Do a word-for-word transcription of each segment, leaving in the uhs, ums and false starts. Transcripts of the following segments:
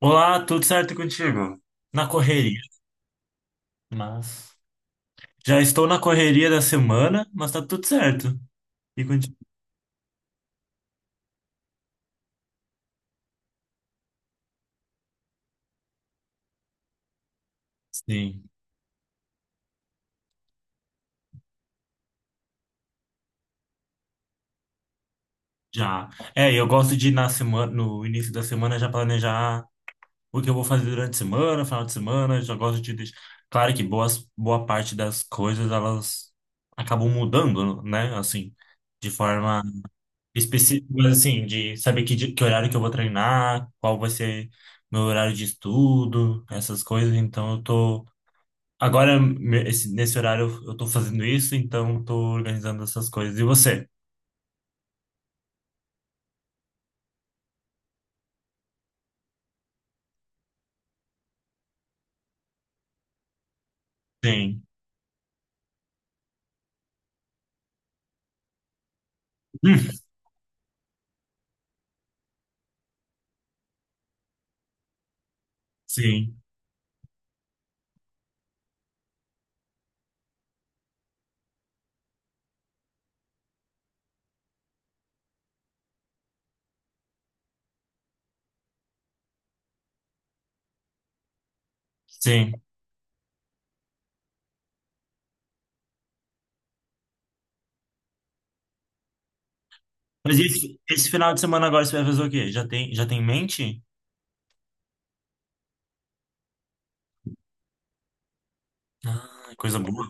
Olá, tudo certo contigo? Na correria, mas já estou na correria da semana, mas tá tudo certo. E contigo? Sim, já. É, eu gosto de ir na semana, no início da semana já planejar o que eu vou fazer durante a semana, final de semana, já gosto de deixar. Claro que boas, boa parte das coisas elas acabam mudando, né? Assim, de forma específicos, assim, de saber que, di- que horário que eu vou treinar, qual vai ser meu horário de estudo, essas coisas. Então, eu tô. Agora, me- esse- nesse horário, eu eu tô fazendo isso, então, eu tô organizando essas coisas. E você? Sim. Hum. Sim, sim. Mas esse, esse final de semana agora você vai fazer o quê? Já tem, já tem em mente? Ah, coisa boa.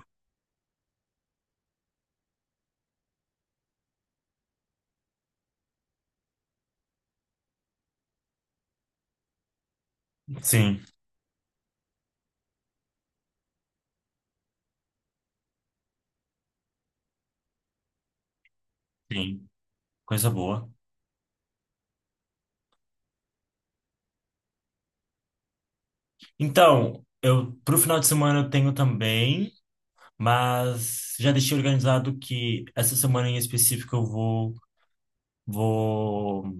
Sim, sim, coisa boa. Então, eu pro final de semana eu tenho também. Mas já deixei organizado que essa semana em específico eu vou, vou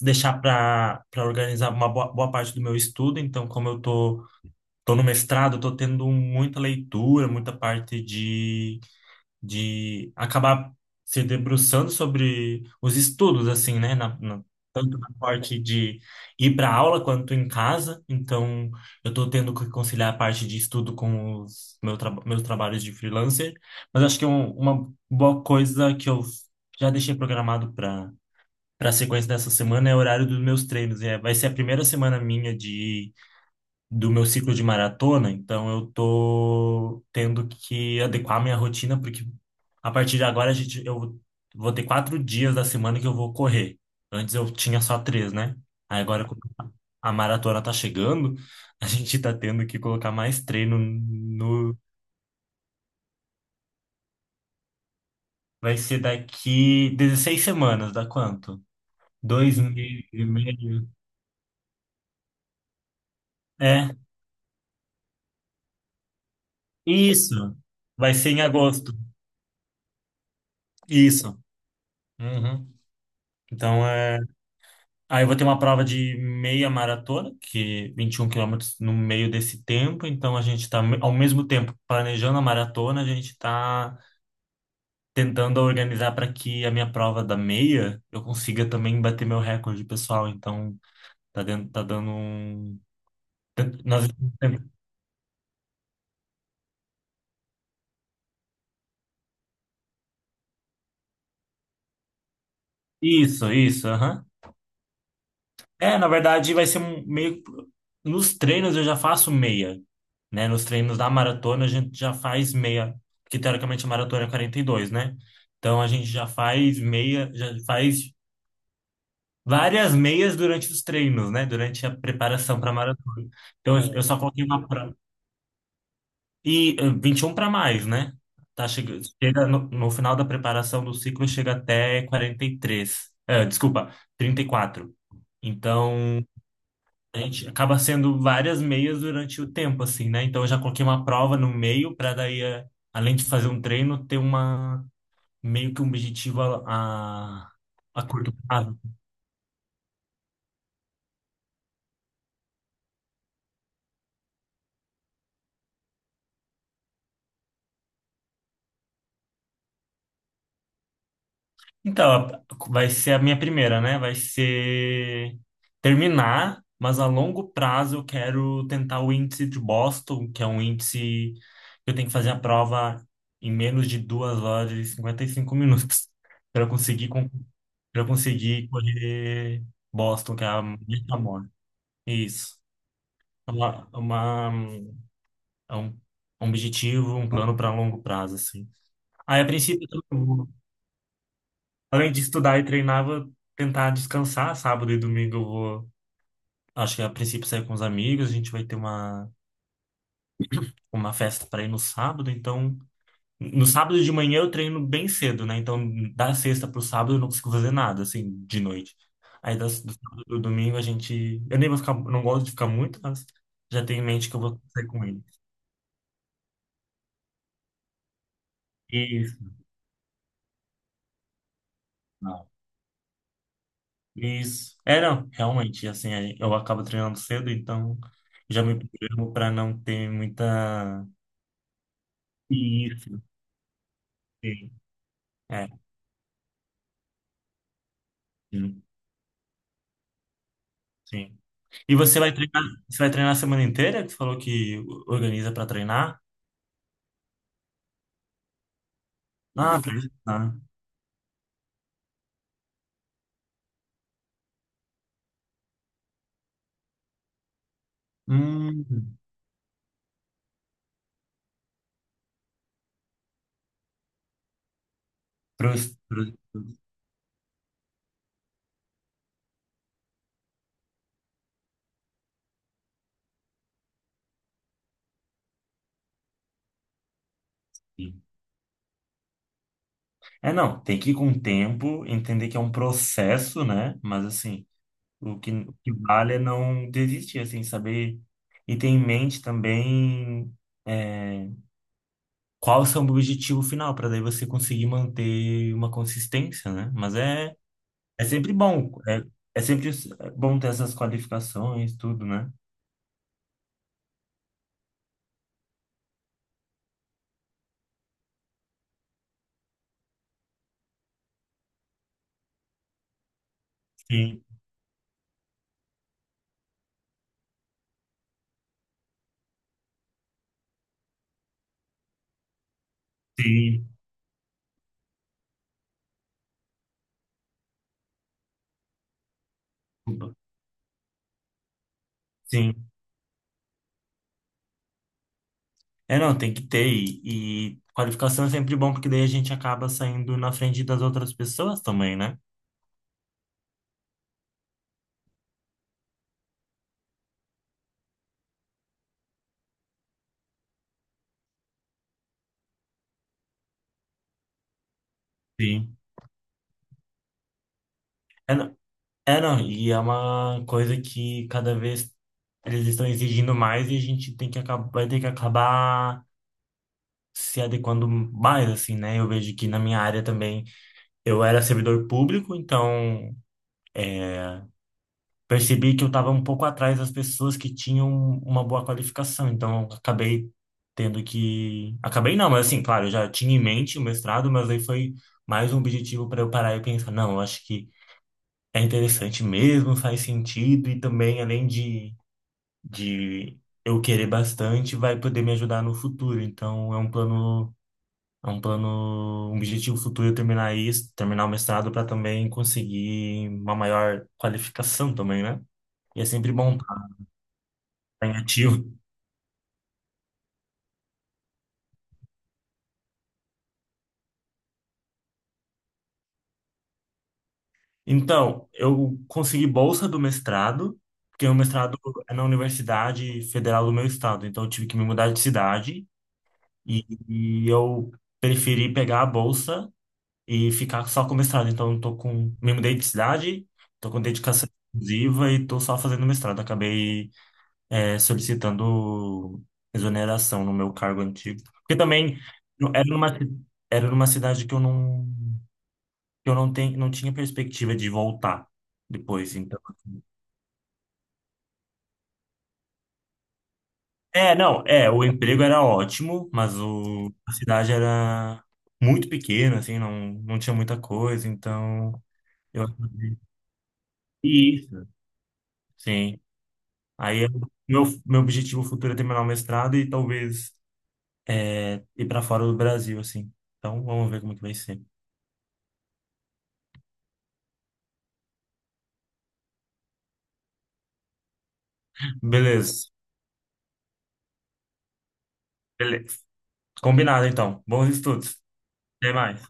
deixar para para organizar uma boa, boa parte do meu estudo. Então, como eu tô, tô no mestrado, eu tô tendo muita leitura, muita parte de de acabar se debruçando sobre os estudos, assim, né? Na- na- tanto na parte de ir para aula quanto em casa. Então, eu estou tendo que conciliar a parte de estudo com os meu traba- meus trabalhos de freelancer. Mas acho que um- uma boa coisa que eu já deixei programado para para a sequência dessa semana é o horário dos meus treinos. É, vai ser a primeira semana minha de do meu ciclo de maratona, então eu tô tendo que adequar minha rotina, porque a partir de agora a gente, eu vou ter quatro dias da semana que eu vou correr. Antes eu tinha só três, né? Aí agora como a maratona tá chegando, a gente tá tendo que colocar mais treino no. Vai ser daqui dezesseis semanas, dá quanto? Dois meses e meio. É, isso. Vai ser em agosto. Isso. Uhum. Então é. Aí eu vou ter uma prova de meia maratona, que vinte e um quilômetros no meio desse tempo. Então a gente está, ao mesmo tempo, planejando a maratona, a gente está tentando organizar para que a minha prova da meia eu consiga também bater meu recorde pessoal. Então tá, dentro, tá dando um. Nós. Isso, isso, aham. É, na verdade, vai ser um meio. Nos treinos eu já faço meia, né? Nos treinos da maratona a gente já faz meia, porque teoricamente a maratona é quarenta e dois, né? Então a gente já faz meia, já faz várias meias durante os treinos, né? Durante a preparação para a maratona. Então eu eu só coloquei uma pra. E eh, vinte e um para mais, né? Tá chega, chega no, no final da preparação do ciclo chega até quarenta e três. Eh, desculpa, trinta e quatro. Então a gente acaba sendo várias meias durante o tempo, assim, né? Então eu já coloquei uma prova no meio para daí, eh, além de fazer um treino, ter uma meio que um objetivo a, a, a curto prazo. Então, a- vai ser a minha primeira, né? Vai ser terminar, mas a longo prazo eu quero tentar o índice de Boston, que é um índice que eu tenho que fazer a prova em menos de duas horas e cinquenta e cinco minutos. Para conseguir pra eu conseguir correr Boston, que é a meta maior. Isso. É Uma, é uma, é um, é um objetivo, um plano para longo prazo, assim. Aí, a princípio, eu, além de estudar e treinar, vou tentar descansar. Sábado e domingo eu vou, acho que a princípio, sair com os amigos. A gente vai ter uma, uma festa para ir no sábado, então. No sábado de manhã eu treino bem cedo, né? Então, da sexta pro sábado eu não consigo fazer nada, assim, de noite. Aí, das, do sábado pro domingo a gente. Eu nem vou ficar. Não gosto de ficar muito, mas já tenho em mente que eu vou sair com ele. Isso. Não. Isso. É, não, realmente, assim, aí eu acabo treinando cedo, então já me programo para não ter muita. Isso. Sim. É, sim. Sim. E você vai treinar, você vai treinar a semana inteira? Que você falou que organiza para treinar? Ah, pra treinar. Hum. Pros- pro- produzir. É, não, tem que ir com o tempo, entender que é um processo, né? Mas, assim, o que, o que vale é não desistir, assim, saber e ter em mente também é, qual é o seu objetivo final, para daí você conseguir manter uma consistência, né? Mas é, é sempre bom, é, é sempre bom ter essas qualificações, tudo, né? Sim, sim, desculpa. Sim. É, não, tem que ter. E, e qualificação é sempre bom, porque daí a gente acaba saindo na frente das outras pessoas também, né? Sim. É, não, é, não, e é uma coisa que cada vez eles estão exigindo mais e a gente tem que acabar, vai ter que acabar se adequando mais, assim, né? Eu vejo que na minha área também eu era servidor público, então. Percebi que eu estava um pouco atrás das pessoas que tinham uma boa qualificação, então eu acabei tendo que. Acabei não, mas assim, claro, eu já tinha em mente o mestrado, mas aí foi mais um objetivo para eu parar e pensar, não, eu acho que é interessante mesmo, faz sentido, e também, além de, de eu querer bastante, vai poder me ajudar no futuro. Então é um plano. É um plano, um objetivo futuro eu terminar isso, terminar o mestrado para também conseguir uma maior qualificação também, né? E é sempre bom tá em ativo. Então, eu consegui bolsa do mestrado, porque o mestrado é na Universidade Federal do meu estado, então eu tive que me mudar de cidade e, e eu preferi pegar a bolsa e ficar só com o mestrado. Então, eu tô com, me mudei de cidade, tô com dedicação exclusiva e tô só fazendo mestrado. Acabei, é, solicitando exoneração no meu cargo antigo. Porque também era numa, era numa cidade que eu não eu não tenho, não tinha perspectiva de voltar depois, então. Assim. É, não, é, o emprego era ótimo, mas o, a cidade era muito pequena, assim, não, não tinha muita coisa, então eu acabei. Isso. Sim. Aí eu- Meu, meu objetivo futuro é terminar o mestrado e talvez é, ir para fora do Brasil, assim. Então vamos ver como é que vai ser. Beleza. Beleza. Combinado, então. Bons estudos. Até mais.